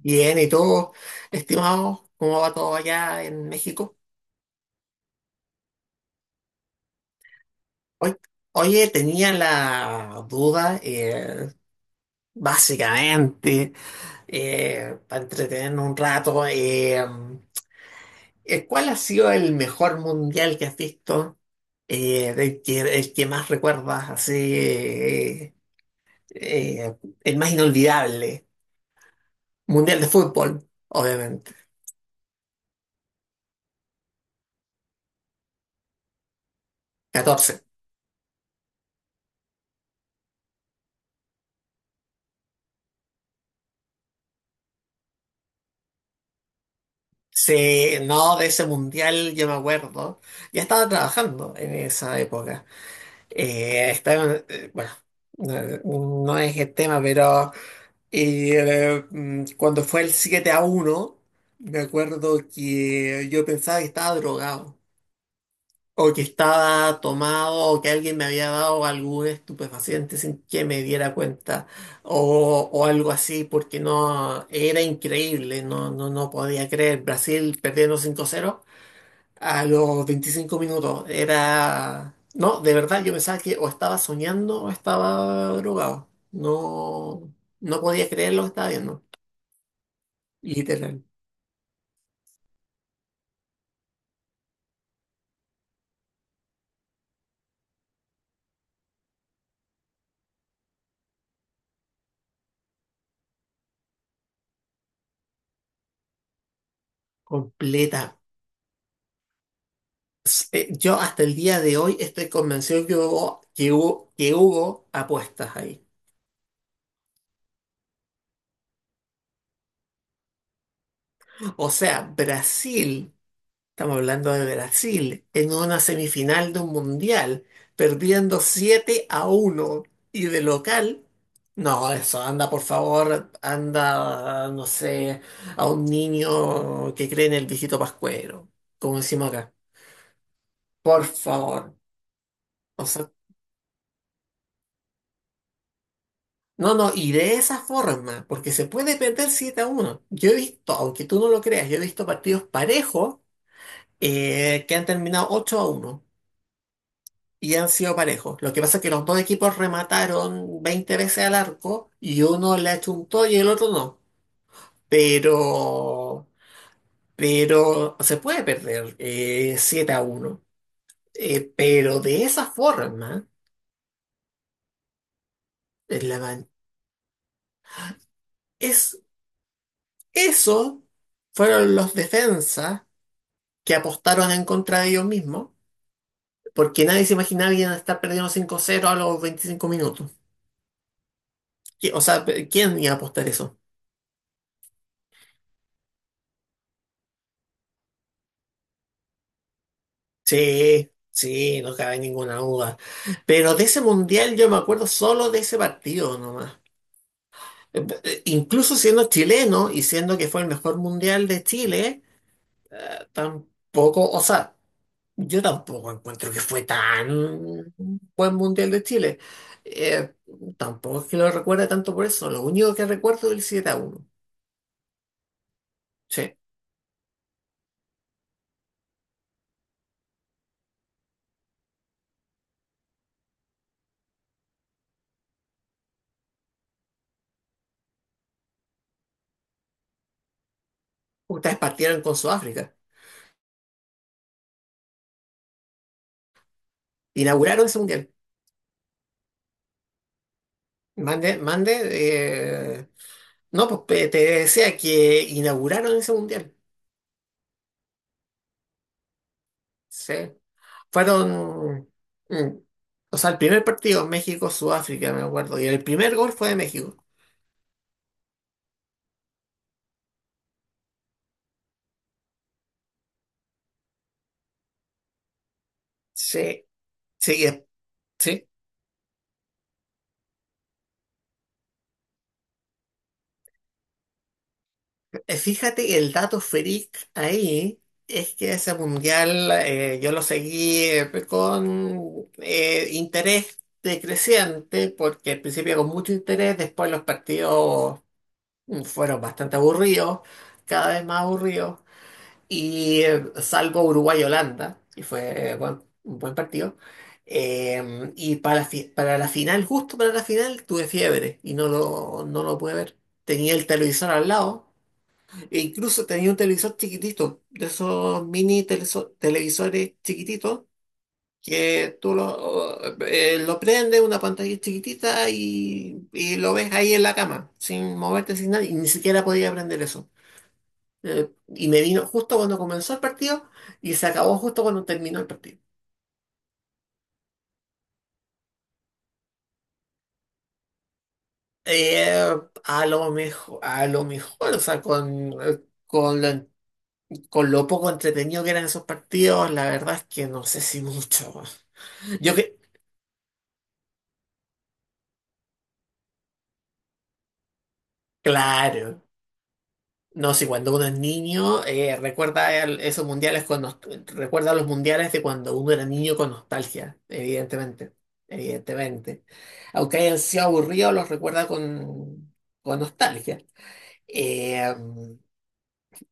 Bien, ¿y tú, estimado? ¿Cómo va todo allá en México? Oy- Oye, tenía la duda, básicamente, para entretenernos un rato, ¿cuál ha sido el mejor mundial que has visto? El que más recuerdas, así, eh, el más inolvidable. Mundial de fútbol, obviamente. 14. Sí, no, de ese mundial yo me acuerdo. Ya estaba trabajando en esa época. Estaba, bueno, no, no es el tema, pero cuando fue el 7-1 me acuerdo que yo pensaba que estaba drogado, o que estaba tomado, o que alguien me había dado algún estupefaciente sin que me diera cuenta, o algo así, porque no, era increíble, no, no, no podía creer. Brasil perdiendo 5-0 a los 25 minutos era... No, de verdad yo pensaba que o estaba soñando o estaba drogado. No, no podía creer lo que estaba viendo. Literal. Completa. Yo hasta el día de hoy estoy convencido que hubo apuestas ahí. O sea, Brasil estamos hablando de Brasil en una semifinal de un mundial, perdiendo 7-1 y de local. No, eso, anda por favor, anda, no sé, a un niño que cree en el viejito Pascuero, como decimos acá. Por favor. O sea, no, no, y de esa forma, porque se puede perder 7-1. Yo he visto, aunque tú no lo creas, yo he visto partidos parejos que han terminado 8-1. Y han sido parejos. Lo que pasa es que los dos equipos remataron 20 veces al arco y uno le achuntó y el otro no. Pero, pero se puede perder 7 a uno. Pero de esa forma, en la man- es, eso fueron los defensas que apostaron en contra de ellos mismos, porque nadie se imaginaba que iban a estar perdiendo 5-0 a los 25 minutos. O sea, ¿quién iba a apostar eso? Sí, sí, no cabe ninguna duda. Pero de ese mundial yo me acuerdo solo de ese partido nomás. Incluso siendo chileno y siendo que fue el mejor mundial de Chile, tampoco, o sea, yo tampoco encuentro que fue tan buen mundial de Chile. Eh, Tampoco es que lo recuerde tanto por eso. Lo único que recuerdo es el 7 a uno. Sí, ustedes partieron con Sudáfrica. Inauguraron ese mundial. Mande, mande. eh, No, pues te decía que inauguraron ese mundial. Sí. Fueron. mm, o sea, el primer partido, México-Sudáfrica, me acuerdo. Y el primer gol fue de México. Sí. Sí, sí. Fíjate que el dato freak ahí es que ese mundial yo lo seguí con interés decreciente, porque al principio con mucho interés, después los partidos fueron bastante aburridos, cada vez más aburridos. Y salvo Uruguay-Holanda, que fue un buen partido. Y para la final, justo para la final, tuve fiebre y no lo pude ver. Tenía el televisor al lado, e incluso tenía un televisor chiquitito, de esos mini televisores chiquititos, que tú lo prendes, una pantalla chiquitita y lo ves ahí en la cama, sin moverte, sin nada, y ni siquiera podía prender eso. Y me vino justo cuando comenzó el partido y se acabó justo cuando terminó el partido. Eh, a lo mejor, o sea, con lo, con lo poco entretenido que eran esos partidos, la verdad es que no sé si mucho. Yo que, claro, no sé, cuando uno es niño, recuerda esos mundiales recuerda los mundiales de cuando uno era niño con nostalgia, evidentemente, evidentemente. Aunque hayan sido aburridos, los recuerda con nostalgia. Eh,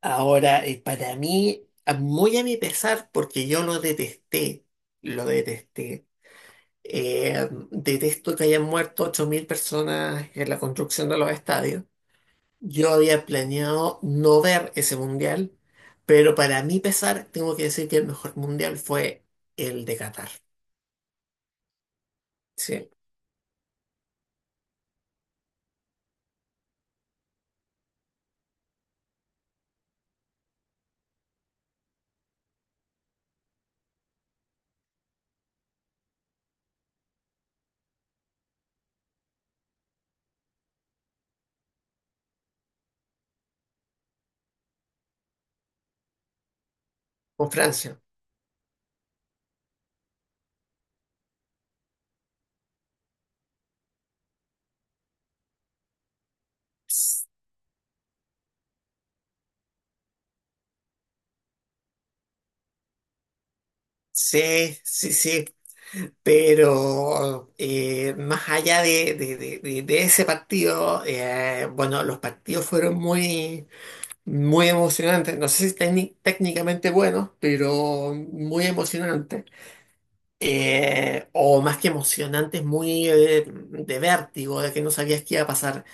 Ahora, para mí, muy a mi pesar, porque yo lo detesté, lo detesté. Detesto que hayan muerto 8.000 personas en la construcción de los estadios. Yo había planeado no ver ese mundial, pero para mi pesar, tengo que decir que el mejor mundial fue el de Qatar. ¿Sí? Con Francia. Sí, sí, sí. Pero más allá de ese partido, bueno, los partidos fueron muy, muy emocionantes. No sé si técnicamente buenos, pero muy emocionantes. O más que emocionantes, muy de vértigo, de que no sabías qué iba a pasar.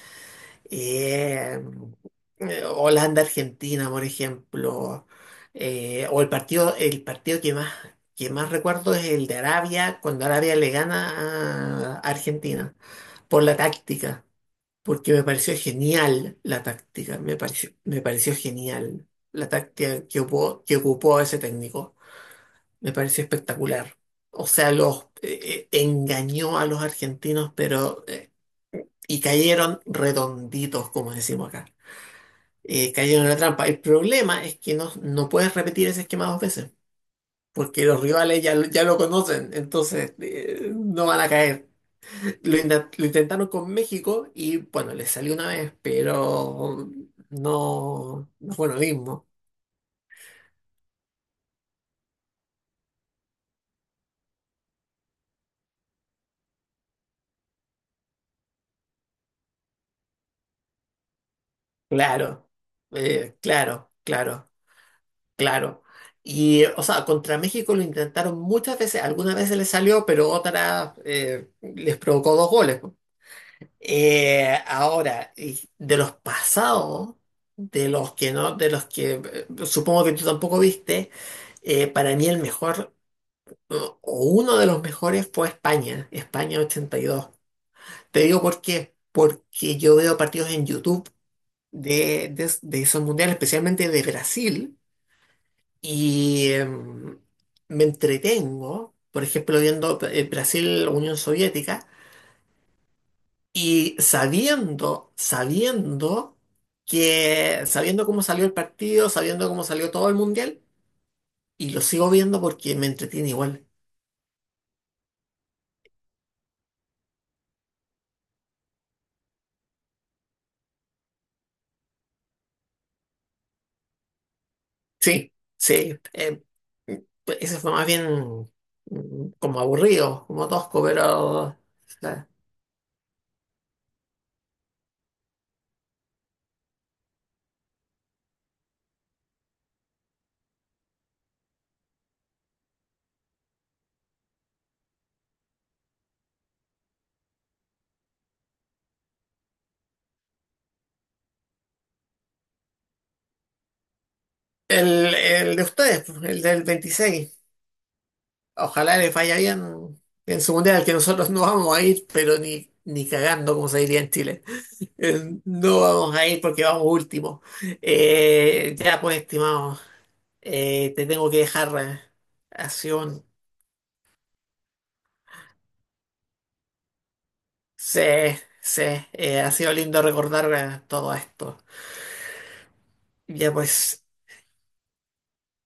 Eh, Holanda-Argentina, por ejemplo. O el partido que más recuerdo es el de Arabia, cuando Arabia le gana a Argentina, por la táctica, porque me pareció genial la táctica, me pareció genial la táctica que ocupó ese técnico, me pareció espectacular. O sea, los engañó a los argentinos, pero y cayeron redonditos, como decimos acá cayeron en la trampa. El problema es que no puedes repetir ese esquema 2 veces, porque los rivales ya lo conocen, entonces no van a caer. Lo intentaron con México y bueno, les salió una vez, pero no fue lo mismo. Claro, claro, claro, claro. Y, o sea, contra México lo intentaron muchas veces, algunas veces les salió, pero otras les provocó dos goles. Ahora, y de los pasados, de los que no, de los que supongo que tú tampoco viste. Para mí el mejor, o uno de los mejores fue España, 82. Te digo por qué, porque yo veo partidos en YouTube de esos mundiales, especialmente de Brasil, y me entretengo, por ejemplo, viendo Brasil-Unión Soviética. Y sabiendo cómo salió el partido, sabiendo cómo salió todo el mundial, y lo sigo viendo porque me entretiene igual. Sí, sí. Pues, ese fue más bien como aburrido, como tosco, pero eh, el de ustedes, pues, el del 26. Ojalá les vaya bien en su mundial, que nosotros no vamos a ir, pero ni cagando, como se diría en Chile. No vamos a ir porque vamos último. Ya pues, estimado, te tengo que dejar. Ha sido un- Sí, sí, ha sido lindo recordar todo esto. Ya pues,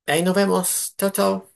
ahí nos vemos. Chao, chao.